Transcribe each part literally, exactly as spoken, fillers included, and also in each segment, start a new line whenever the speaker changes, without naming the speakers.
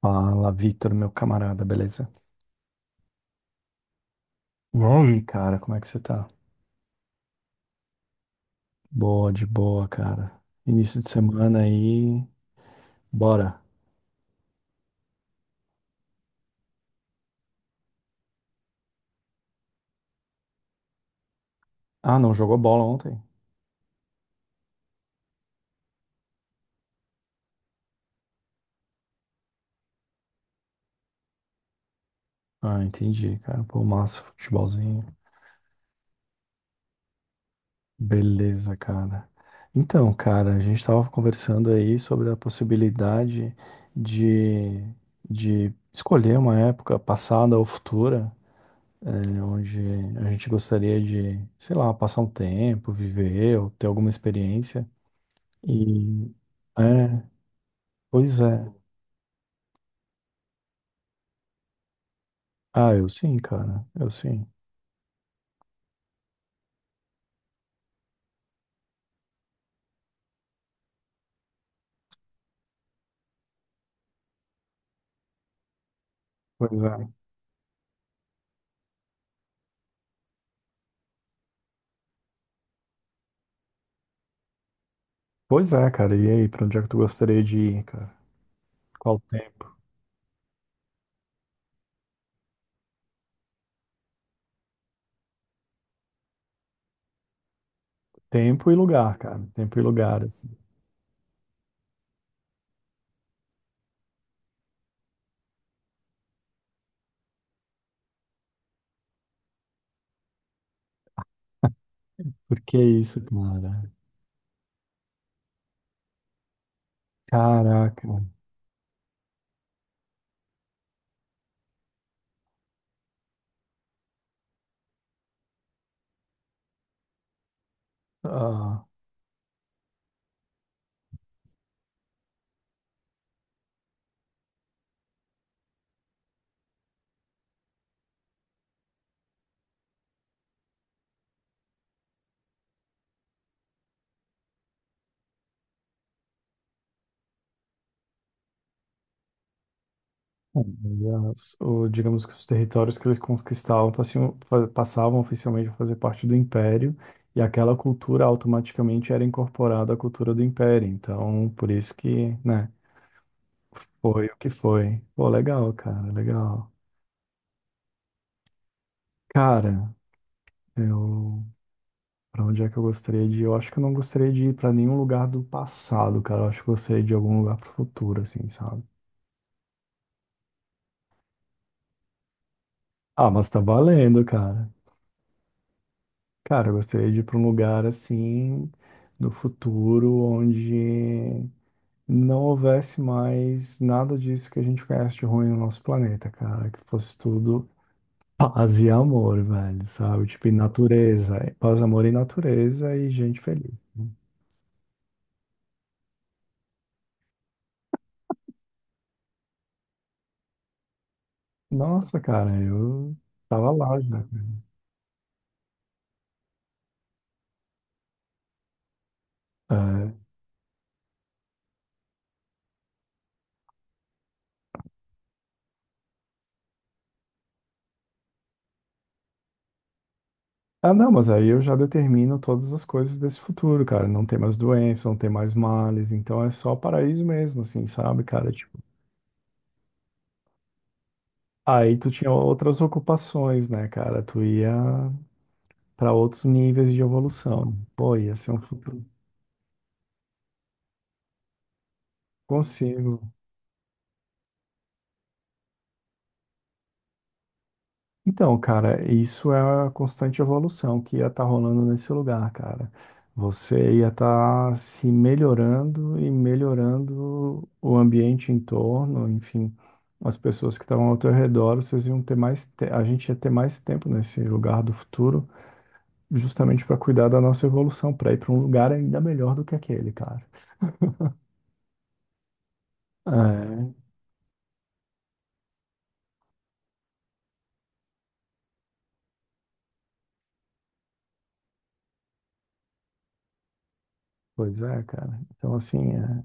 Fala, Vitor, meu camarada, beleza? E aí, cara, como é que você tá? Boa, de boa, cara. Início de semana aí, bora. Ah, não jogou bola ontem? Ah, entendi, cara. Pô, massa, futebolzinho. Beleza, cara. Então, cara, a gente tava conversando aí sobre a possibilidade de, de escolher uma época passada ou futura, eh, onde a gente gostaria de, sei lá, passar um tempo, viver ou ter alguma experiência. E é, pois é. Ah, eu sim, cara. Eu sim. Pois é. Pois é, cara. E aí, pra onde é que tu gostaria de ir, cara? Qual tempo? Tempo e lugar, cara. Tempo e lugar, assim. Por que isso, cara? Caraca. Ah, aliás, o- digamos que os territórios que eles conquistavam faziam- fa- passavam oficialmente a fazer parte do Império, e aquela cultura automaticamente era incorporada à cultura do Império. Então, por isso que, né? Foi o que foi. Pô, legal, cara, legal. Cara, eu. Pra onde é que eu gostaria de ir? Eu acho que eu não gostaria de ir pra nenhum lugar do passado, cara. Eu acho que eu gostaria de ir algum lugar pro futuro, assim, sabe? Ah, mas tá valendo, cara. Cara, eu gostaria de ir pra um lugar, assim, no futuro, onde não houvesse mais nada disso que a gente conhece de ruim no nosso planeta, cara. Que fosse tudo. Paz e amor, velho, sabe? Tipo, e natureza. é Paz, amor e natureza e gente feliz. Nossa, cara, eu tava lá já. É. Ah, não, mas aí eu já determino todas as coisas desse futuro, cara. Não tem mais doença, não tem mais males, então é só paraíso mesmo, assim, sabe, cara? Tipo, aí tu tinha outras ocupações, né, cara? Tu ia pra outros níveis de evolução. Pô, ia ser um futuro. Consigo. Então, cara, isso é a constante evolução que ia estar rolando nesse lugar, cara. Você ia estar se melhorando e melhorando o ambiente em torno, enfim, as pessoas que estavam ao teu redor, vocês iam ter mais, te- a gente ia ter mais tempo nesse lugar do futuro, justamente para cuidar da nossa evolução, para ir para um lugar ainda melhor do que aquele, cara. É, pois é, cara. Então, assim, é,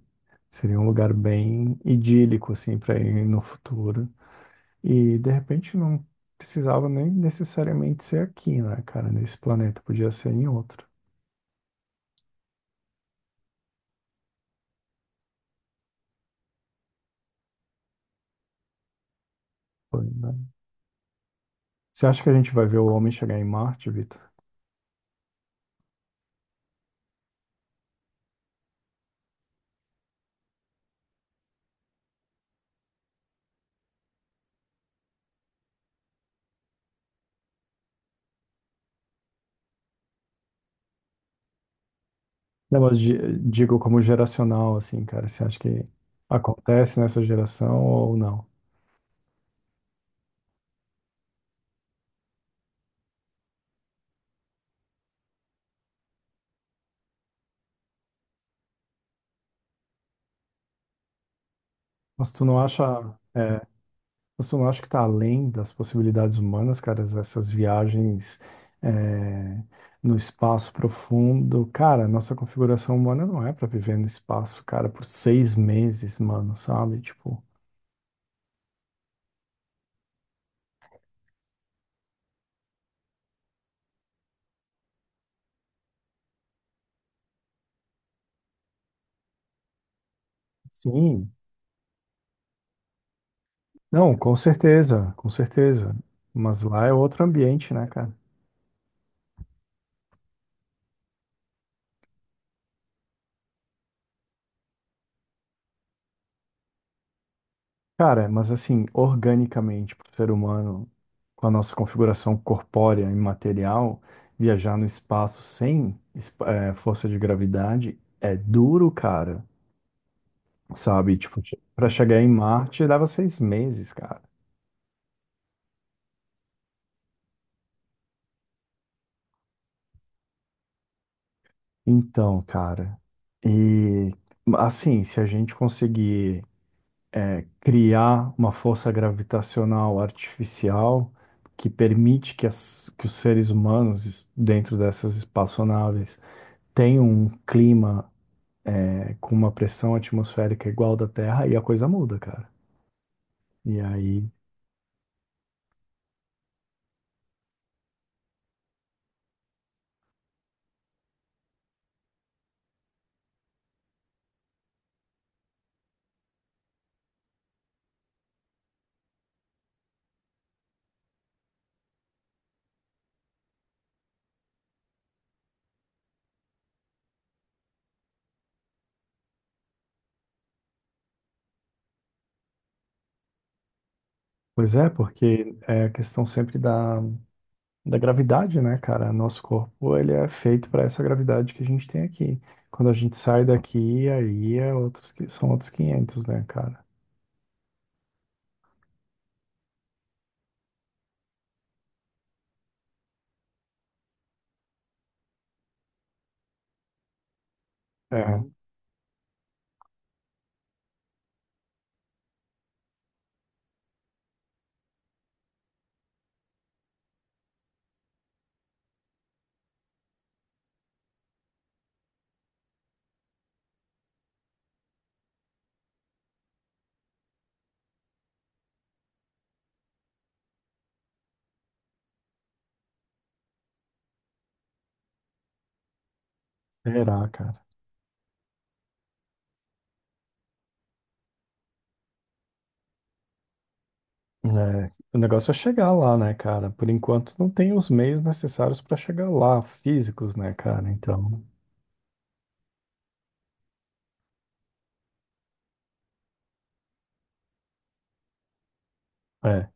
seria um lugar bem idílico, assim, para ir no futuro. E de repente não precisava nem necessariamente ser aqui, né, cara? Nesse planeta, podia ser em outro. Foi, né? Você acha que a gente vai ver o homem chegar em Marte, Vitor? Não, mas di- digo como geracional, assim, cara. Você acha que acontece nessa geração ou não? Mas tu não acha. É, você não acha que está além das possibilidades humanas, cara, essas viagens é, no espaço profundo? Cara, nossa configuração humana não é para viver no espaço, cara, por seis meses, mano, sabe? Tipo, sim, não, com certeza, com certeza. Mas lá é outro ambiente, né, cara? Cara, mas assim, organicamente, para o ser humano, com a nossa configuração corpórea e material, viajar no espaço sem esp- eh, força de gravidade é duro, cara. Sabe? Tipo, para chegar em Marte dava seis meses, cara. Então, cara, e assim, se a gente conseguir criar uma força gravitacional artificial que permite que, as, que os seres humanos, es- dentro dessas espaçonaves, tem um clima é, com uma pressão atmosférica igual da Terra, aí a coisa muda, cara. E aí. Pois é, porque é a questão sempre da, da gravidade, né, cara? Nosso corpo, ele é feito para essa gravidade que a gente tem aqui. Quando a gente sai daqui, aí é outros, que- são outros quinhentos, né, cara? É, será, cara? É, o negócio é chegar lá, né, cara? Por enquanto não tem os meios necessários para chegar lá, físicos, né, cara? Então, é.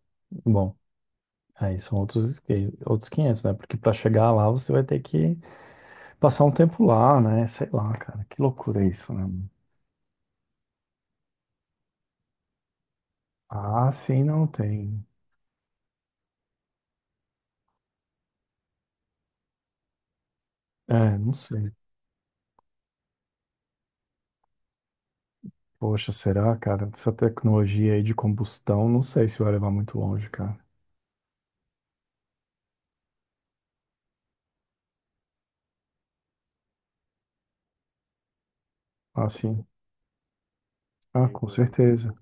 Bom. Aí são outros, esque- outros quinhentos, né? Porque para chegar lá você vai ter que passar um tempo lá, né? Sei lá, cara. Que loucura isso, né? Ah, sim, não tem. É, não sei. Poxa, será, cara? Essa tecnologia aí de combustão, não sei se vai levar muito longe, cara. Ah, sim. Ah, com certeza.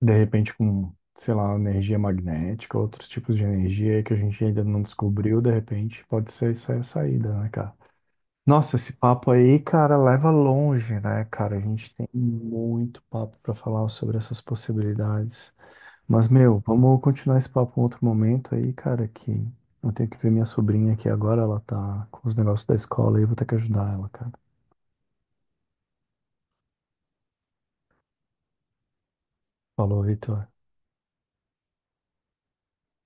De repente com, sei lá, energia magnética, outros tipos de energia aí que a gente ainda não descobriu, de repente pode ser isso aí a saída, né, cara? Nossa, esse papo aí, cara, leva longe, né, cara? A gente tem muito papo pra falar sobre essas possibilidades. Mas, meu, vamos continuar esse papo em outro momento aí, cara, que eu tenho que ver minha sobrinha aqui agora, ela tá com os negócios da escola e eu vou ter que ajudar ela, cara. Falou, Vitor.